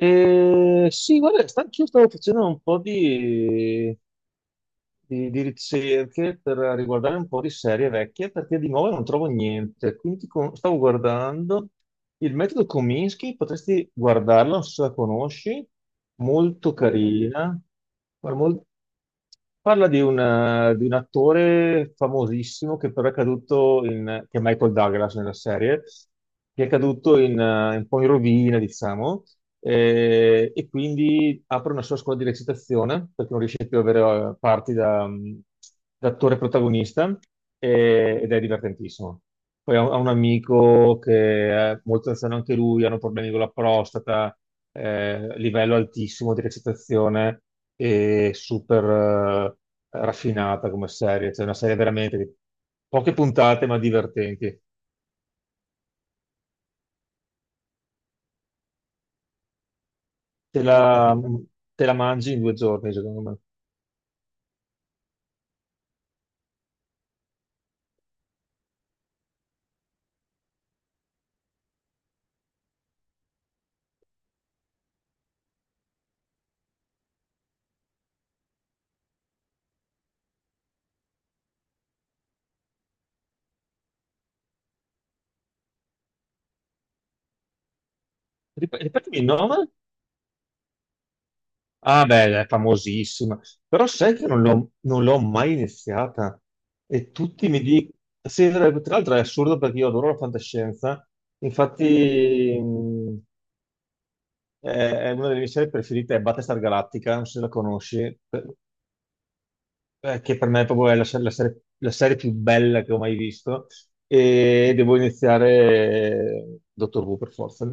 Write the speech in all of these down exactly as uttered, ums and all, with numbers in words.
Eh, sì, guarda, sta- anch'io stavo facendo un po' di, di- di ricerche per riguardare un po' di serie vecchie perché di nuovo non trovo niente. Quindi con- stavo guardando il metodo Kominsky, potresti guardarla, non so se la conosci, molto Mm, carina, guarda, mol- Parla di un, eh, di un attore famosissimo che però è caduto in, che è Michael Douglas nella serie, che è caduto in, eh, un po' in rovina, diciamo, eh, e quindi apre una sua scuola di recitazione perché non riesce più ad avere eh, parti da, mm, da attore protagonista eh, ed è divertentissimo. Poi ho ho un amico che è molto anziano anche lui, hanno problemi con la prostata, eh, livello altissimo di recitazione e super eh, raffinata come serie, cioè una serie veramente di poche puntate ma divertenti. Te la, te la mangi in due giorni, secondo me. Rip- Ripetimi il nome? Ah, beh, è famosissima. Però sai che non l'ho non l'ho mai iniziata. E tutti mi dicono... Sì, tra tra l'altro è assurdo perché io adoro la fantascienza. Infatti, mh, è è una delle mie serie preferite, è Battlestar Galactica, non so se la conosci, per- eh, che per me proprio è la, se- la serie, la serie più bella che ho mai visto. E devo iniziare eh, Dottor Who per forza.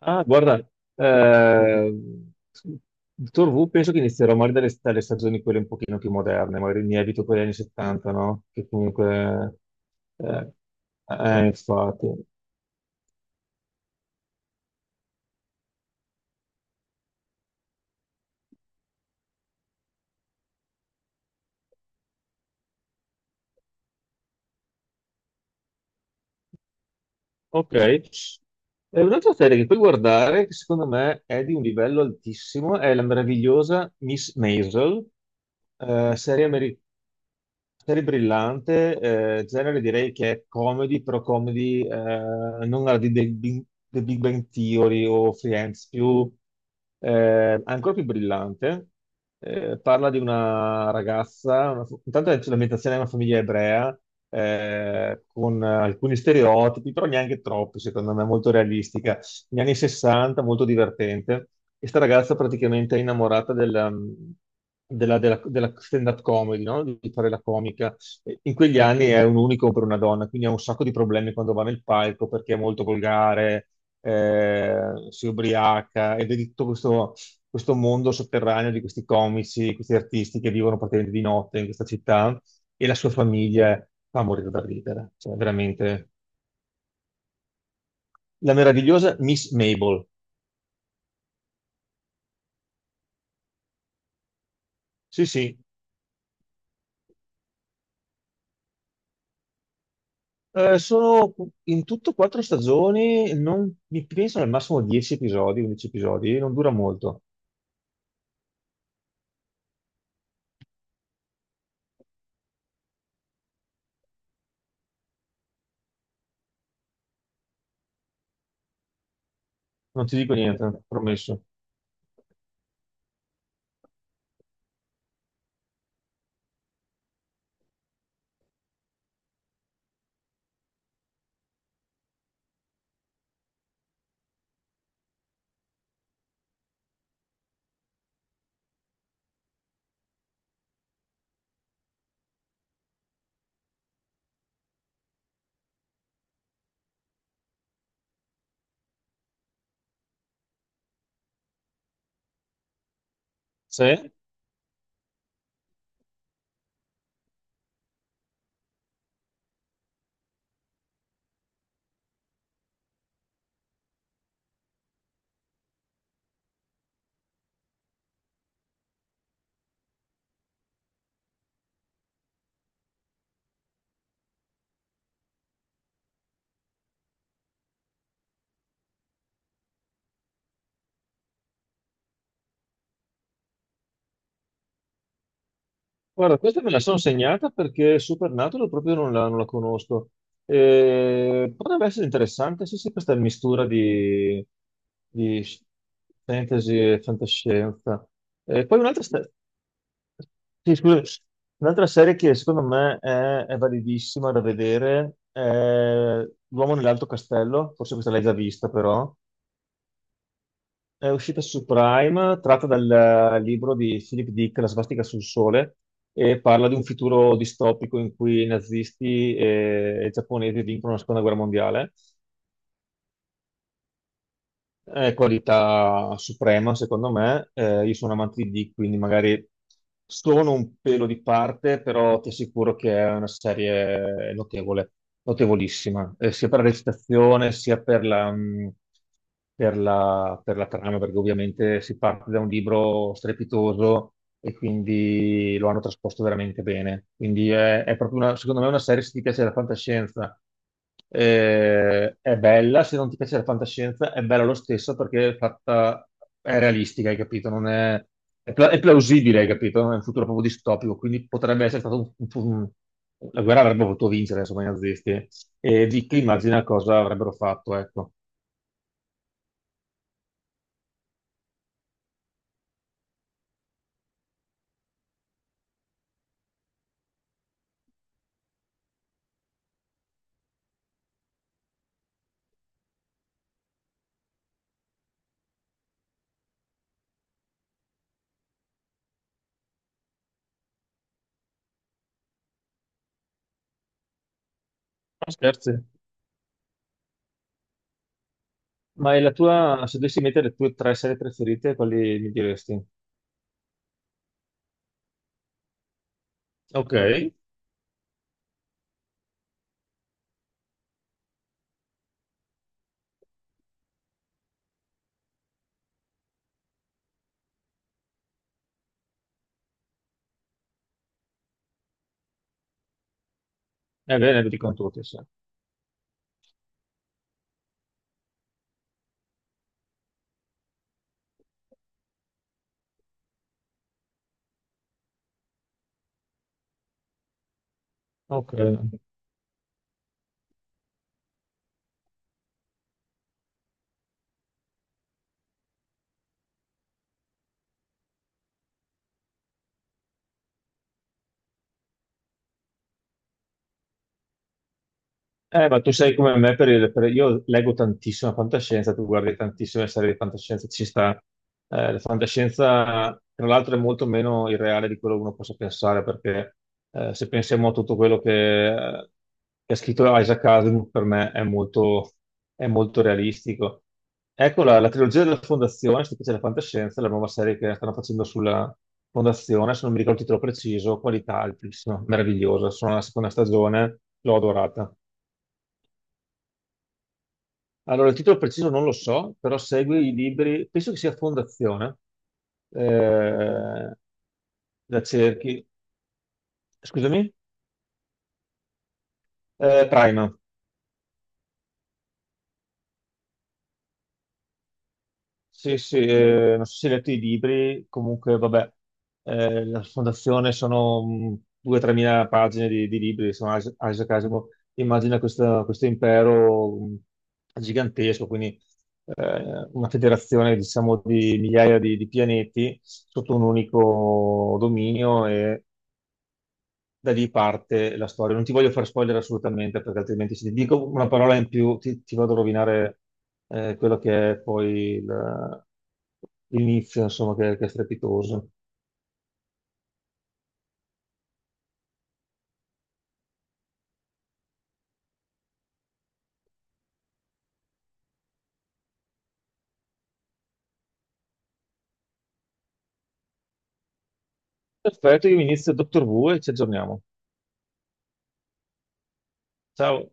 Ah, guarda, ehm, Dottor Who penso che inizierò magari dalle, dalle stagioni quelle un pochino più moderne, magari mi evito quelle anni settanta, no? Che comunque... Eh, eh, infatti. Ok. E un'altra serie che puoi guardare, che secondo me è di un livello altissimo, è la meravigliosa Miss Maisel, eh, serie americana. Serie brillante, eh, genere direi che è comedy, però comedy eh, non alla di The Big, The Big Bang Theory o Friends, più, eh, ancora più brillante. Eh, parla di una ragazza, una, intanto è sull'ambientazione di una famiglia ebrea, eh, con eh, alcuni stereotipi, però neanche troppi, secondo me, molto realistica negli anni sessanta, molto divertente. E sta ragazza praticamente è innamorata della, della- della- della stand-up comedy, no? Di fare la comica. E in quegli anni è un unico per una donna, quindi ha un sacco di problemi quando va nel palco perché è molto volgare, eh, si ubriaca ed è di tutto questo, questo mondo sotterraneo di questi comici, questi artisti che vivono praticamente di notte in questa città e la sua famiglia fa morire da ridere. Cioè, veramente la meravigliosa Miss Mabel. Sì, sì. Eh, sono in tutto quattro stagioni, non, mi penso al massimo dieci episodi, undici episodi, non dura molto, non ti dico niente, promesso. Sì? Guarda, questa me la sono segnata perché Supernatural proprio non la, non la conosco. Eh, potrebbe essere interessante, sì, sì, questa mistura di, di fantasy e fantascienza. Eh, poi un'altra sta- sì, scusa, un'altra serie che secondo me è, è validissima da vedere è L'uomo nell'alto castello, forse questa l'hai già vista però, è uscita su Prime, tratta dal eh, libro di Philip Dick, La svastica sul sole, e parla di un futuro distopico in cui i nazisti e i giapponesi vincono la seconda guerra mondiale. È qualità suprema, secondo me. Eh, io sono amante di Dick, quindi magari sono un pelo di parte, però ti assicuro che è una serie notevole, notevolissima, eh, sia per la recitazione, sia per la, mh, per la, per la trama, perché ovviamente si parte da un libro strepitoso e quindi lo hanno trasposto veramente bene. Quindi è, è proprio una, secondo me, una serie, se ti piace la fantascienza eh, è bella, se non ti piace la fantascienza, è bella lo stesso perché è fatta, è realistica, hai capito? Non è, è pla- è plausibile, hai capito? Non è un futuro proprio distopico, quindi potrebbe essere stato un, un- un- la guerra avrebbe potuto vincere, insomma, i nazisti. E Vicky immagina cosa avrebbero fatto, ecco. Ma scherzi. Ma è la tua, se dovessi mettere le tue tre serie preferite, quali mi diresti? Ok, è bene, vi dicono tutti, sì. Ok. Eh, ma tu sei come me, per il- per- io leggo tantissima fantascienza, tu guardi tantissime serie di fantascienza, ci sta. Eh, la fantascienza, tra l'altro, è molto meno irreale di quello che uno possa pensare, perché eh, se pensiamo a tutto quello che, eh, che ha scritto Isaac Asimov, per me è molto, è molto realistico. Ecco la, la trilogia della Fondazione, se ti piace la fantascienza, è la nuova serie che stanno facendo sulla Fondazione, se non mi ricordo il titolo preciso, qualità altissima, meravigliosa, sono alla seconda stagione, l'ho adorata. Allora, il titolo preciso non lo so, però segue i libri, penso che sia Fondazione, eh, da Cerchi, scusami, eh, Prima. Sì, sì, eh, non so se hai letto i libri, comunque vabbè, eh, la fondazione sono mh, due o tre mila pagine di, di libri, insomma, Is- Isaac Asimov immagina questa- questo impero mh, gigantesco, quindi eh, una federazione diciamo di migliaia di, di pianeti sotto un unico dominio e da lì parte la storia. Non ti voglio far spoiler assolutamente, perché altrimenti se ti dico una parola in più ti, ti vado a rovinare eh, quello che è poi il- l'inizio, insomma, che, che è strepitoso. Perfetto, io inizio Dottor Who e ci aggiorniamo. Ciao.